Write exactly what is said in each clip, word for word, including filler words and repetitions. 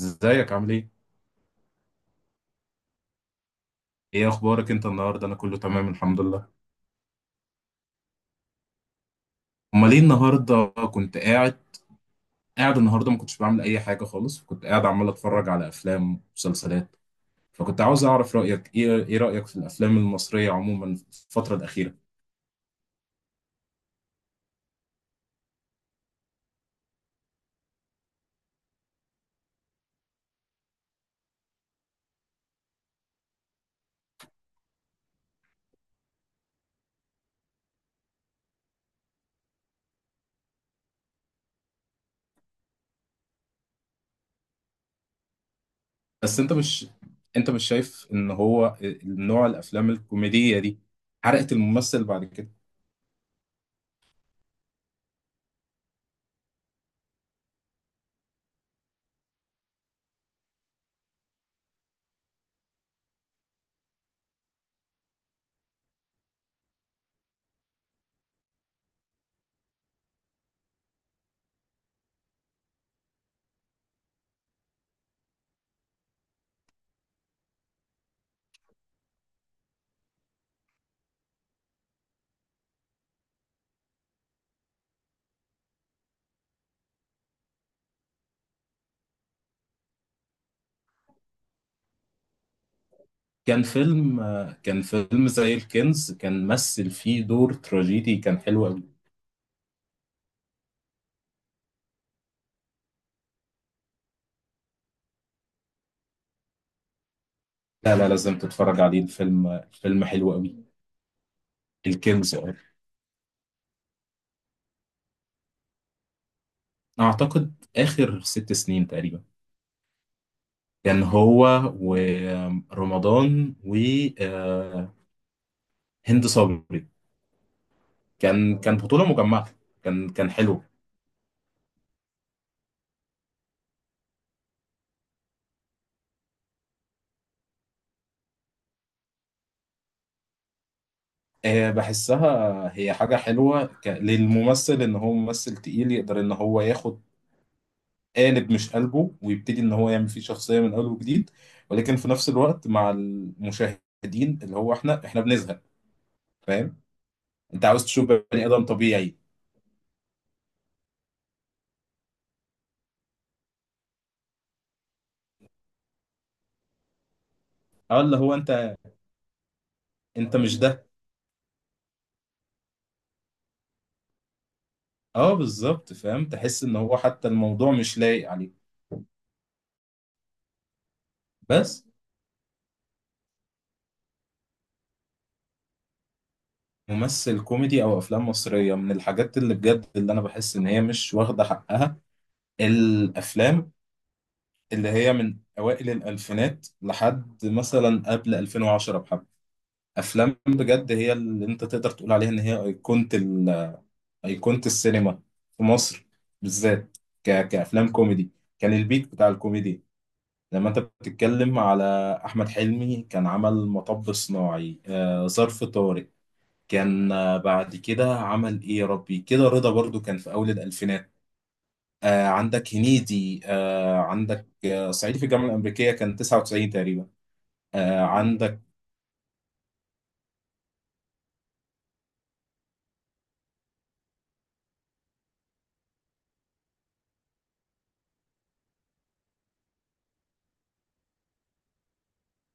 ازيك عامل ايه؟ ايه اخبارك انت النهارده؟ انا كله تمام الحمد لله. امال ايه النهارده؟ كنت قاعد قاعد النهارده ما كنتش بعمل اي حاجه خالص، كنت قاعد عمال اتفرج على افلام ومسلسلات. فكنت عاوز اعرف رايك، ايه ايه رايك في الافلام المصريه عموما في الفتره الاخيره؟ بس انت مش انت مش شايف ان هو نوع الافلام الكوميديه دي حرقت الممثل بعد كده؟ كان فيلم كان فيلم زي الكنز كان مثل فيه دور تراجيدي، كان حلو قوي. لا لا، لازم تتفرج عليه، الفيلم فيلم حلو قوي. الكينجز، اه. اعتقد اخر ست سنين تقريبا. كان هو، ورمضان وهند صبري. كان كان بطولة مجمعة، كان كان حلو. آه، بحسها هي حاجة حلوة ك- للممثل، ان هو ممثل تقيل يقدر ان هو ياخد قالب مش قلبه ويبتدي ان هو يعمل فيه شخصية من اول وجديد، ولكن في نفس الوقت مع المشاهدين اللي هو احنا احنا بنزهق. فاهم؟ انت عاوز تشوف بني ادم طبيعي. اه، اللي هو انت، انت مش ده. اه بالظبط، فاهم، تحس ان هو حتى الموضوع مش لايق عليه. بس ممثل كوميدي او افلام مصريه، من الحاجات اللي بجد اللي انا بحس ان هي مش واخده حقها، الافلام اللي هي من اوائل الالفينات لحد مثلا قبل الفين وعشرة، بحب افلام بجد هي اللي انت تقدر تقول عليها ان هي ايقونه ال- ايقونه السينما في مصر بالذات، ك... كافلام كوميدي. كان البيك بتاع الكوميديا. لما انت بتتكلم على احمد حلمي، كان عمل مطب صناعي، آه، ظرف طارق، كان آه، بعد كده عمل ايه يا ربي كده، رضا برضو كان في اول الالفينات. آه، عندك هنيدي، آه، عندك آه، صعيدي في الجامعه الامريكيه كان تسعه وتسعين تقريبا. آه، عندك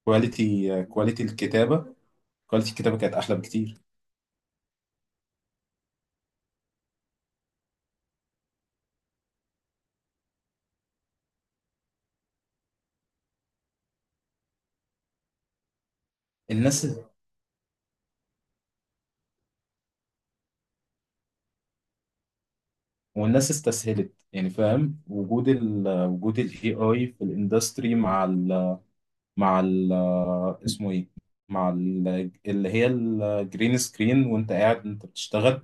كواليتي، آه، كواليتي الكتابه كواليتي الكتابه كانت احلى بكتير. الناس والناس استسهلت، يعني فاهم، وجود ال وجود الاي اي في الاندستري، مع ال مع ال اسمه ايه؟ مع ال اللي هي الجرين سكرين، وانت قاعد انت بتشتغل،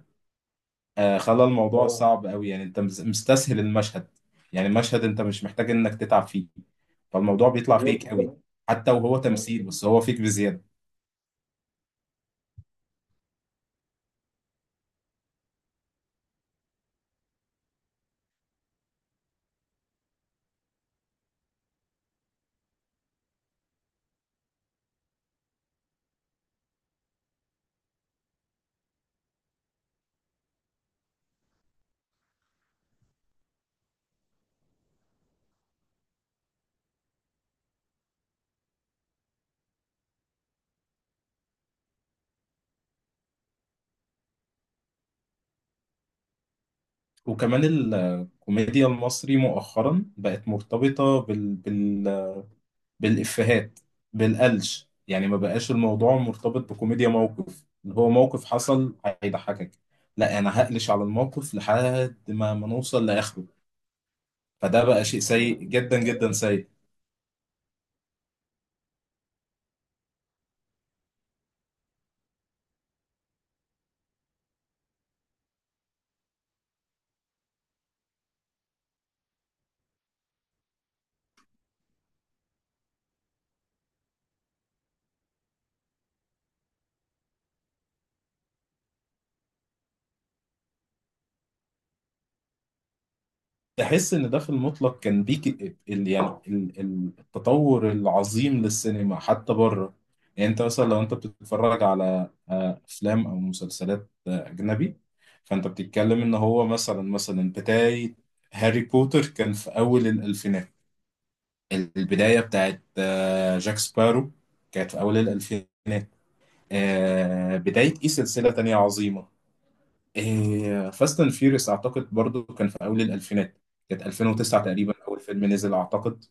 آه خلى الموضوع اه صعب قوي. يعني انت مس- مستسهل المشهد، يعني المشهد انت مش محتاج انك تتعب فيه، فالموضوع بيطلع غير، فيك بالظبط قوي كده، حتى وهو تمثيل بس هو فيك بزيادة. وكمان الكوميديا المصري مؤخرا بقت مرتبطة بال... بال... بالإفيهات، بالقلش. يعني ما بقاش الموضوع مرتبط بكوميديا موقف، اللي هو موقف حصل هيضحكك. لا، أنا هقلش على الموقف لحد ما ما نوصل لآخره. فده بقى شيء سيء، جدا جدا سيء. احس ان ده في المطلق كان بيك، ال يعني ال- ال- التطور العظيم للسينما حتى بره. يعني انت مثلا لو انت بتتفرج على آه، افلام او مسلسلات آه، اجنبي، فانت بتتكلم ان هو، مثلا مثلا بداية هاري بوتر كان في اول الالفينات، البداية بتاعت آه، جاك سبارو كانت في اول الالفينات، آه، بداية ايه، سلسلة تانية عظيمة، فاست اند فيوريوس اعتقد برضو كان في اول الالفينات، كانت الفين وتسعه تقريبا اول فيلم نزل اعتقد.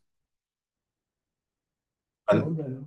أنا-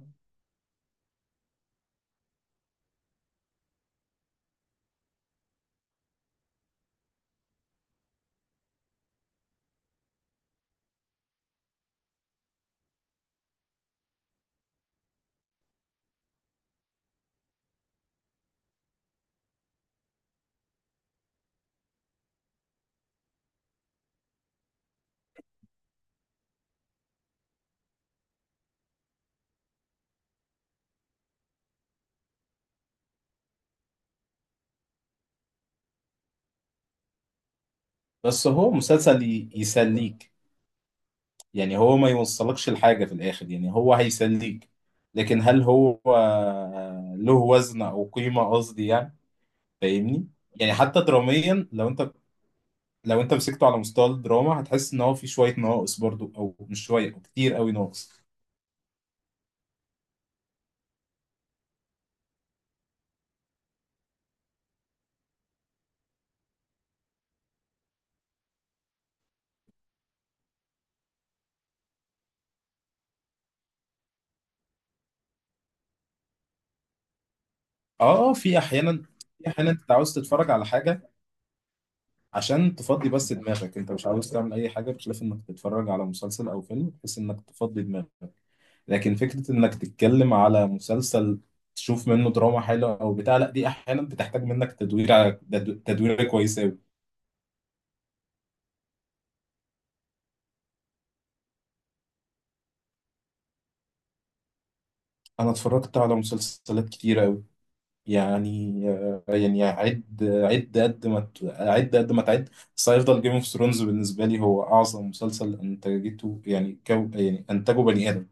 بس هو مسلسل ي- يسليك، يعني هو ما يوصلكش لحاجة في الاخر، يعني هو هيسليك. لكن هل هو آه، له وزن او قيمة، قصدي يعني، فاهمني؟ يعني حتى دراميا، لو انت لو انت مسكته على مستوى الدراما هتحس ان هو في شوية ناقص برضو، او مش شوية، كتير قوي ناقص. اه، آه، في احيانا في احيانا انت عاوز تتفرج على حاجة عشان تفضي بس دماغك، انت مش عاوز تعمل اي حاجه بخلاف انك تتفرج على مسلسل او فيلم بحيث انك تفضي دماغك. لكن فكره انك تتكلم على مسلسل تشوف منه دراما حلوه او بتاع، لا، دي احيانا بتحتاج منك تدوير ع- تد- تدوير كويس قوي. انا اتفرجت على مسلسلات كتيره قوي، يعني آه، يعني عد عد قد ما ت- عد قد ما تعد، بس هيفضل جيم اوف ثرونز بالنسبه لي هو اعظم مسلسل انتجته، يعني كو يعني انتجه بني ادم.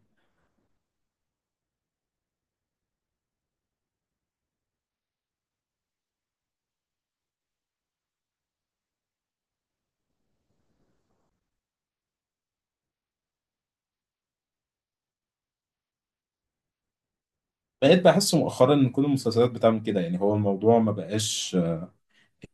بقيت بحس مؤخرا ان كل المسلسلات بتعمل كده، يعني هو الموضوع ما بقاش،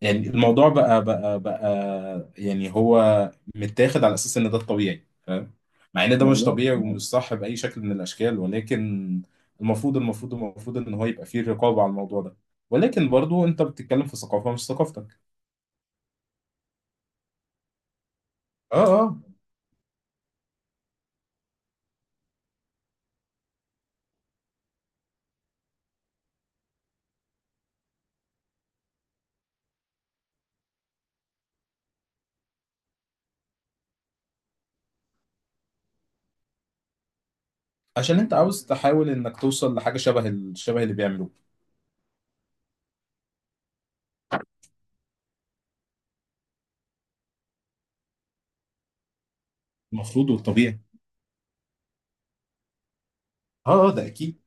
يعني الموضوع بقى بقى بقى، يعني هو متاخد على اساس ان ده الطبيعي، فاهم؟ مع ان ده مش بالظبط طبيعي ومش صح باي شكل من الاشكال، ولكن المفروض المفروض المفروض ان هو يبقى فيه رقابة على الموضوع ده. ولكن برضو انت بتتكلم في ثقافة مش ثقافتك. اه اه. عشان انت عاوز تحاول انك توصل لحاجة شبه ال- شبه اللي بيعملوه. المفروض والطبيعي. اه اه، ده اكيد.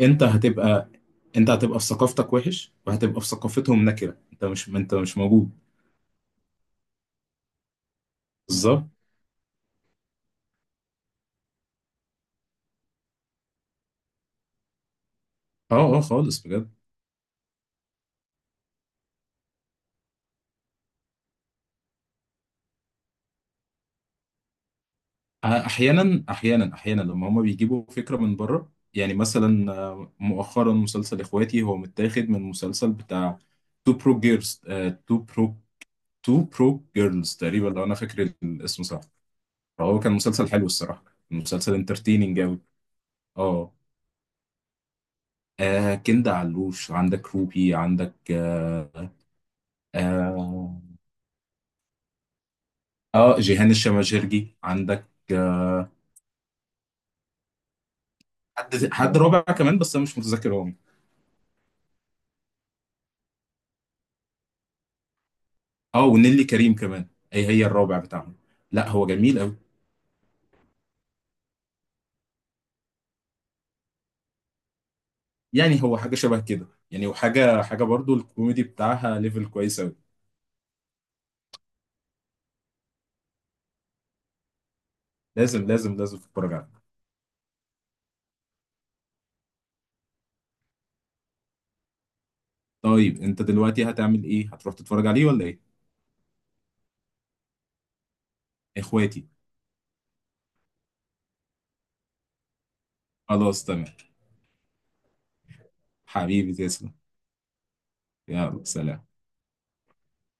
انت هتبقى انت هتبقى في ثقافتك وحش، وهتبقى في ثقافتهم نكره، انت مش انت مش موجود. بالظبط. اه اه، خالص بجد. اه، احيانا احيانا احيانا لما هما بيجيبوا فكره من بره، يعني مثلا اه، مؤخرا مسلسل اخواتي هو متاخد من مسلسل بتاع تو برو جيرلز تو برو تو برو جيرلز تقريبا، لو انا فاكر الاسم صح. فهو كان مسلسل حلو الصراحه، مسلسل انترتيننج قوي. اه. آه، كندا علوش، عندك روبي، عندك آه آه اه جيهان الشماجرجي، عندك آه، حد حد رابع كمان بس انا مش متذكر هو مين. اه، ونيلي كريم كمان، هي هي الرابع بتاعهم. لا، هو جميل قوي، يعني هو حاجه شبه كده، يعني وحاجه حاجه برضو الكوميدي بتاعها ليفل كويس قوي. لازم لازم لازم تتفرج عليه. طيب، انت دلوقتي هتعمل ايه، هتروح تتفرج عليه ولا ايه؟ اخواتي. خلاص تمام. حبيبي تسلم. يلا سلام.